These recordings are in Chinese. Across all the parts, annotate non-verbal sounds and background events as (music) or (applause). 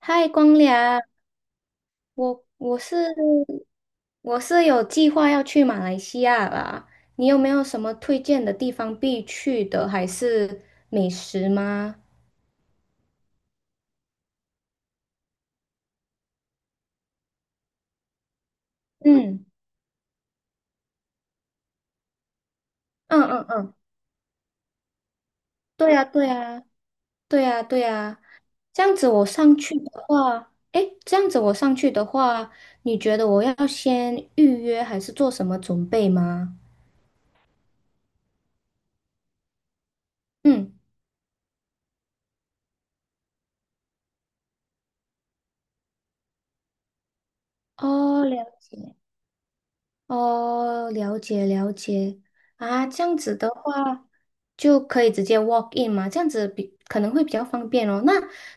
嗨，光良，我我是我有计划要去马来西亚啦，你有没有什么推荐的地方必去的，还是美食吗？嗯嗯嗯嗯，对呀对呀对呀对呀，这样子我上去的话，诶，这样子我上去的话，你觉得我要先预约还是做什么准备吗？嗯，哦，了解。哦，了解了解啊，这样子的话就可以直接 walk in 嘛，这样子比可能会比较方便哦。那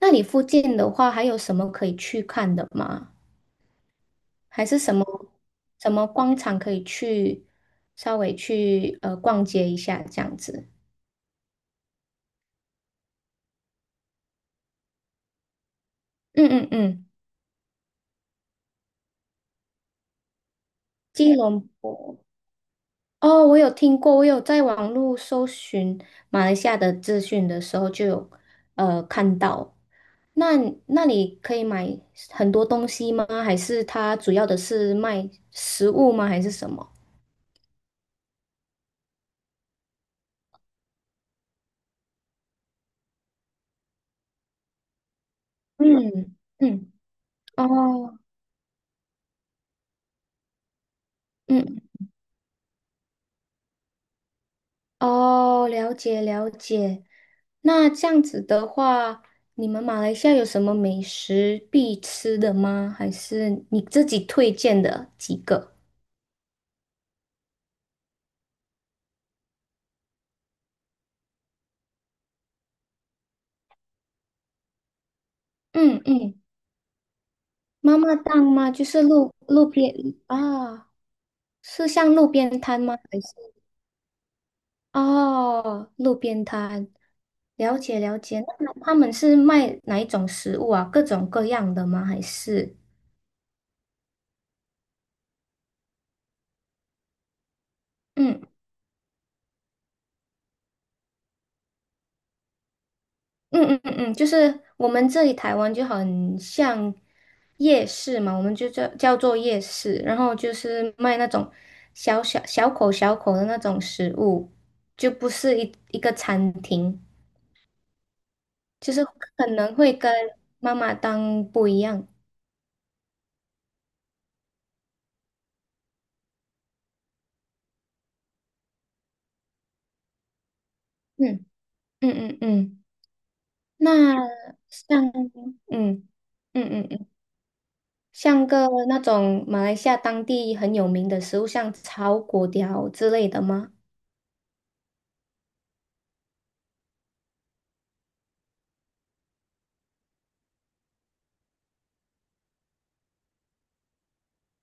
那你附近的话，还有什么可以去看的吗？还是什么什么广场可以去稍微去逛街一下这样子？嗯嗯嗯，吉隆坡。哦，我有听过，我有在网络搜寻马来西亚的资讯的时候就有看到。那那里可以买很多东西吗？还是它主要的是卖食物吗？还是什么？嗯嗯，哦，嗯哦，了解了解。那这样子的话，你们马来西亚有什么美食必吃的吗？还是你自己推荐的几个？嗯嗯。妈妈档吗？就是路边啊，是像路边摊吗？还是哦，路边摊？了解了解。那他们是卖哪一种食物啊？各种各样的吗？还是嗯嗯嗯嗯嗯，就是我们这里台湾就很像夜市嘛，我们就叫做夜市，然后就是卖那种小口小口的那种食物，就不是一个餐厅。就是可能会跟妈妈档不一样。嗯嗯嗯嗯，那像嗯嗯嗯嗯，像个那种马来西亚当地很有名的食物，像炒粿条之类的吗？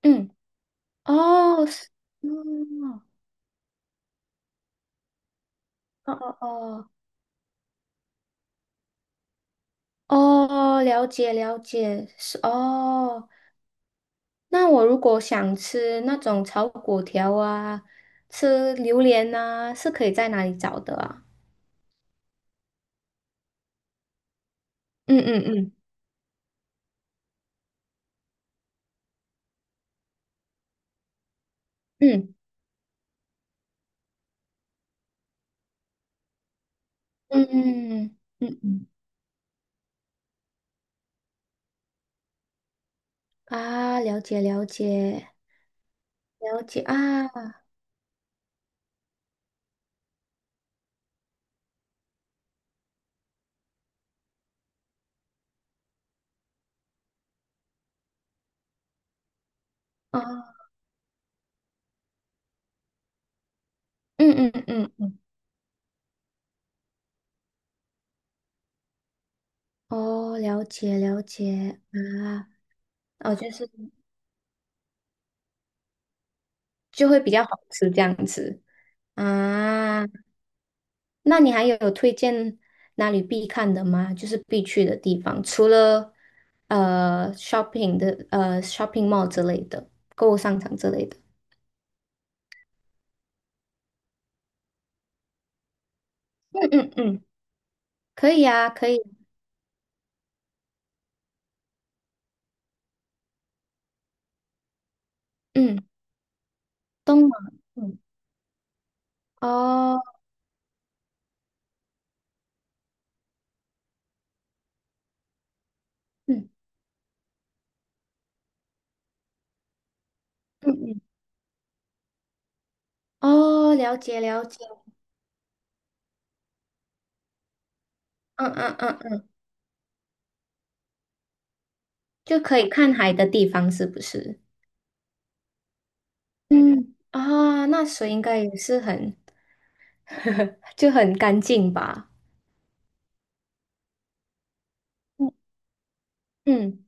嗯，哦，是哦哦哦哦，哦，了解了解，是哦。那我如果想吃那种炒粿条啊，吃榴莲啊，是可以在哪里找的啊？嗯嗯嗯嗯。嗯嗯嗯，嗯啊，了解了解了解啊哦，嗯嗯嗯，哦，了解了解啊，哦，就是就会比较好吃这样子啊。那你还有推荐哪里必看的吗？就是必去的地方，除了shopping 的shopping mall 之类的购物商场之类的。嗯嗯嗯，可以啊，可以，嗯，东马，嗯，哦，嗯嗯嗯。哦，了解了解，嗯嗯嗯嗯，就可以看海的地方是不是？嗯，啊，那水应该也是很，(laughs) 就很干净吧？嗯嗯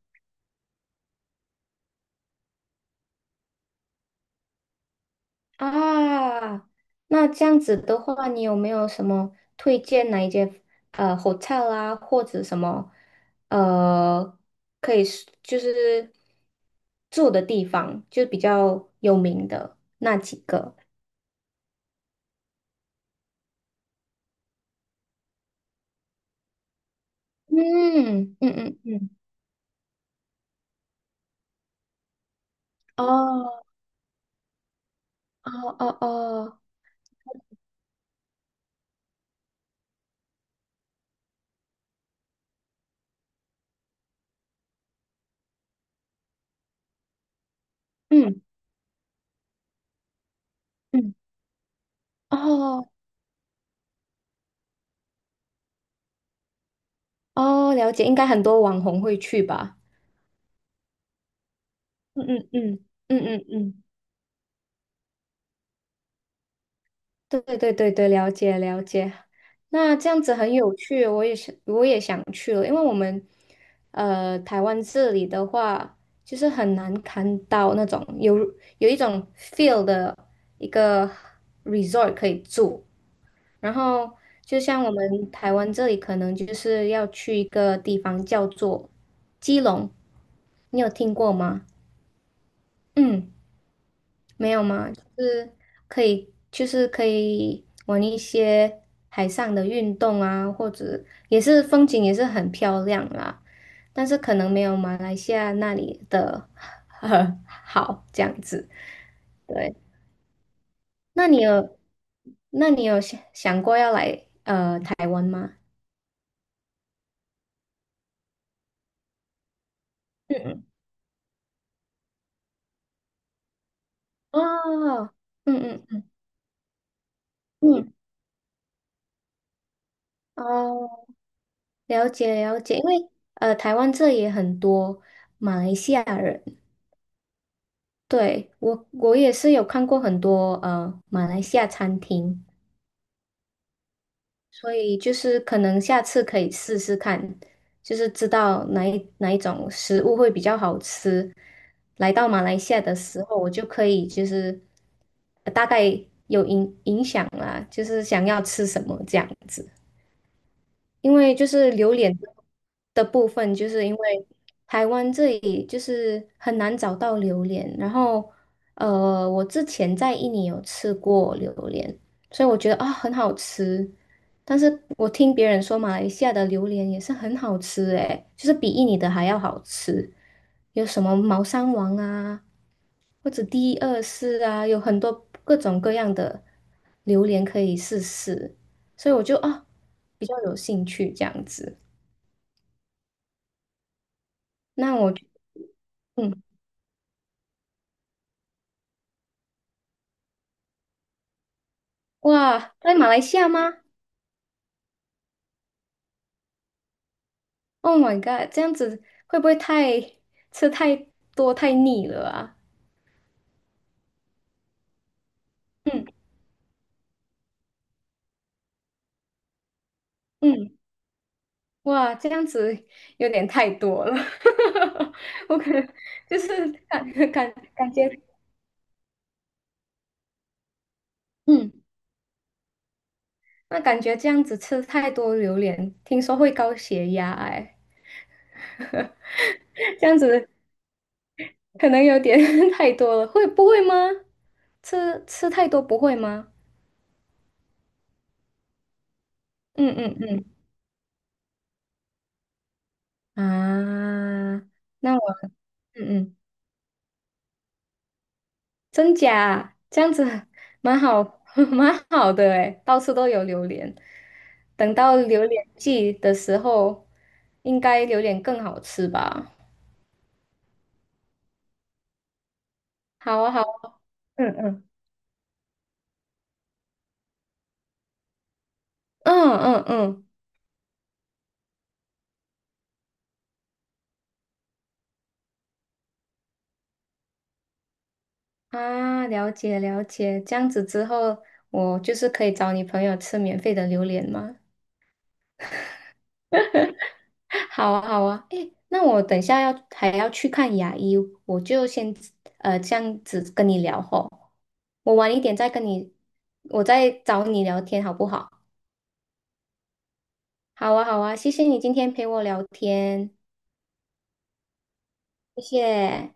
啊，那这样子的话，你有没有什么推荐哪一间hotel 啊，或者什么呃可以是就是住的地方，就比较有名的那几个？嗯嗯嗯嗯，哦。哦哦哦，嗯嗯，哦哦，了解，应该很多网红会去吧？嗯嗯嗯嗯嗯嗯。对对对对，了解了解。那这样子很有趣，我也是，我也想去了，因为我们台湾这里的话，就是很难看到那种有有一种 feel 的一个 resort 可以住。然后就像我们台湾这里，可能就是要去一个地方叫做基隆，你有听过吗？嗯。没有吗？就是可以，就是可以玩一些海上的运动啊，或者也是风景也是很漂亮啦，但是可能没有马来西亚那里的 (laughs) 很好这样子。对，那你有，那你有想过要来台湾吗？嗯嗯，哦，嗯嗯嗯，哦，了解了解，因为台湾这也很多马来西亚人。对，我也是有看过很多马来西亚餐厅，所以就是可能下次可以试试看，就是知道哪一种食物会比较好吃。来到马来西亚的时候，我就可以就是大概有影响啦，就是想要吃什么这样子。因为就是榴莲的部分，就是因为台湾这里就是很难找到榴莲，然后我之前在印尼有吃过榴莲，所以我觉得啊很好吃，但是我听别人说马来西亚的榴莲也是很好吃诶，就是比印尼的还要好吃，有什么猫山王啊，或者第二世啊，有很多各种各样的榴莲可以试试。所以我就啊比较有兴趣这样子。那我就嗯，哇，在马来西亚吗？Oh my god，这样子会不会太吃太多太腻了啊？嗯嗯，哇，这样子有点太多了，(laughs) 我可能就是感觉，嗯，那感觉这样子吃太多榴莲，听说会高血压哎，(laughs) 这样子可能有点 (laughs) 太多了，会不会吗？吃太多不会吗？嗯嗯嗯啊，那我嗯嗯，真假啊这样子蛮好，(laughs) 蛮好的诶，到处都有榴莲。等到榴莲季的时候，应该榴莲更好吃吧？好啊，好啊，嗯嗯嗯嗯嗯啊，了解了解，这样子之后，我就是可以找你朋友吃免费的榴莲吗？(laughs) 好啊，好啊，诶，那我等一下要还要去看牙医，我就先这样子跟你聊吼，我晚一点再跟你，我再找你聊天好不好？好啊，好啊，谢谢你今天陪我聊天，谢谢。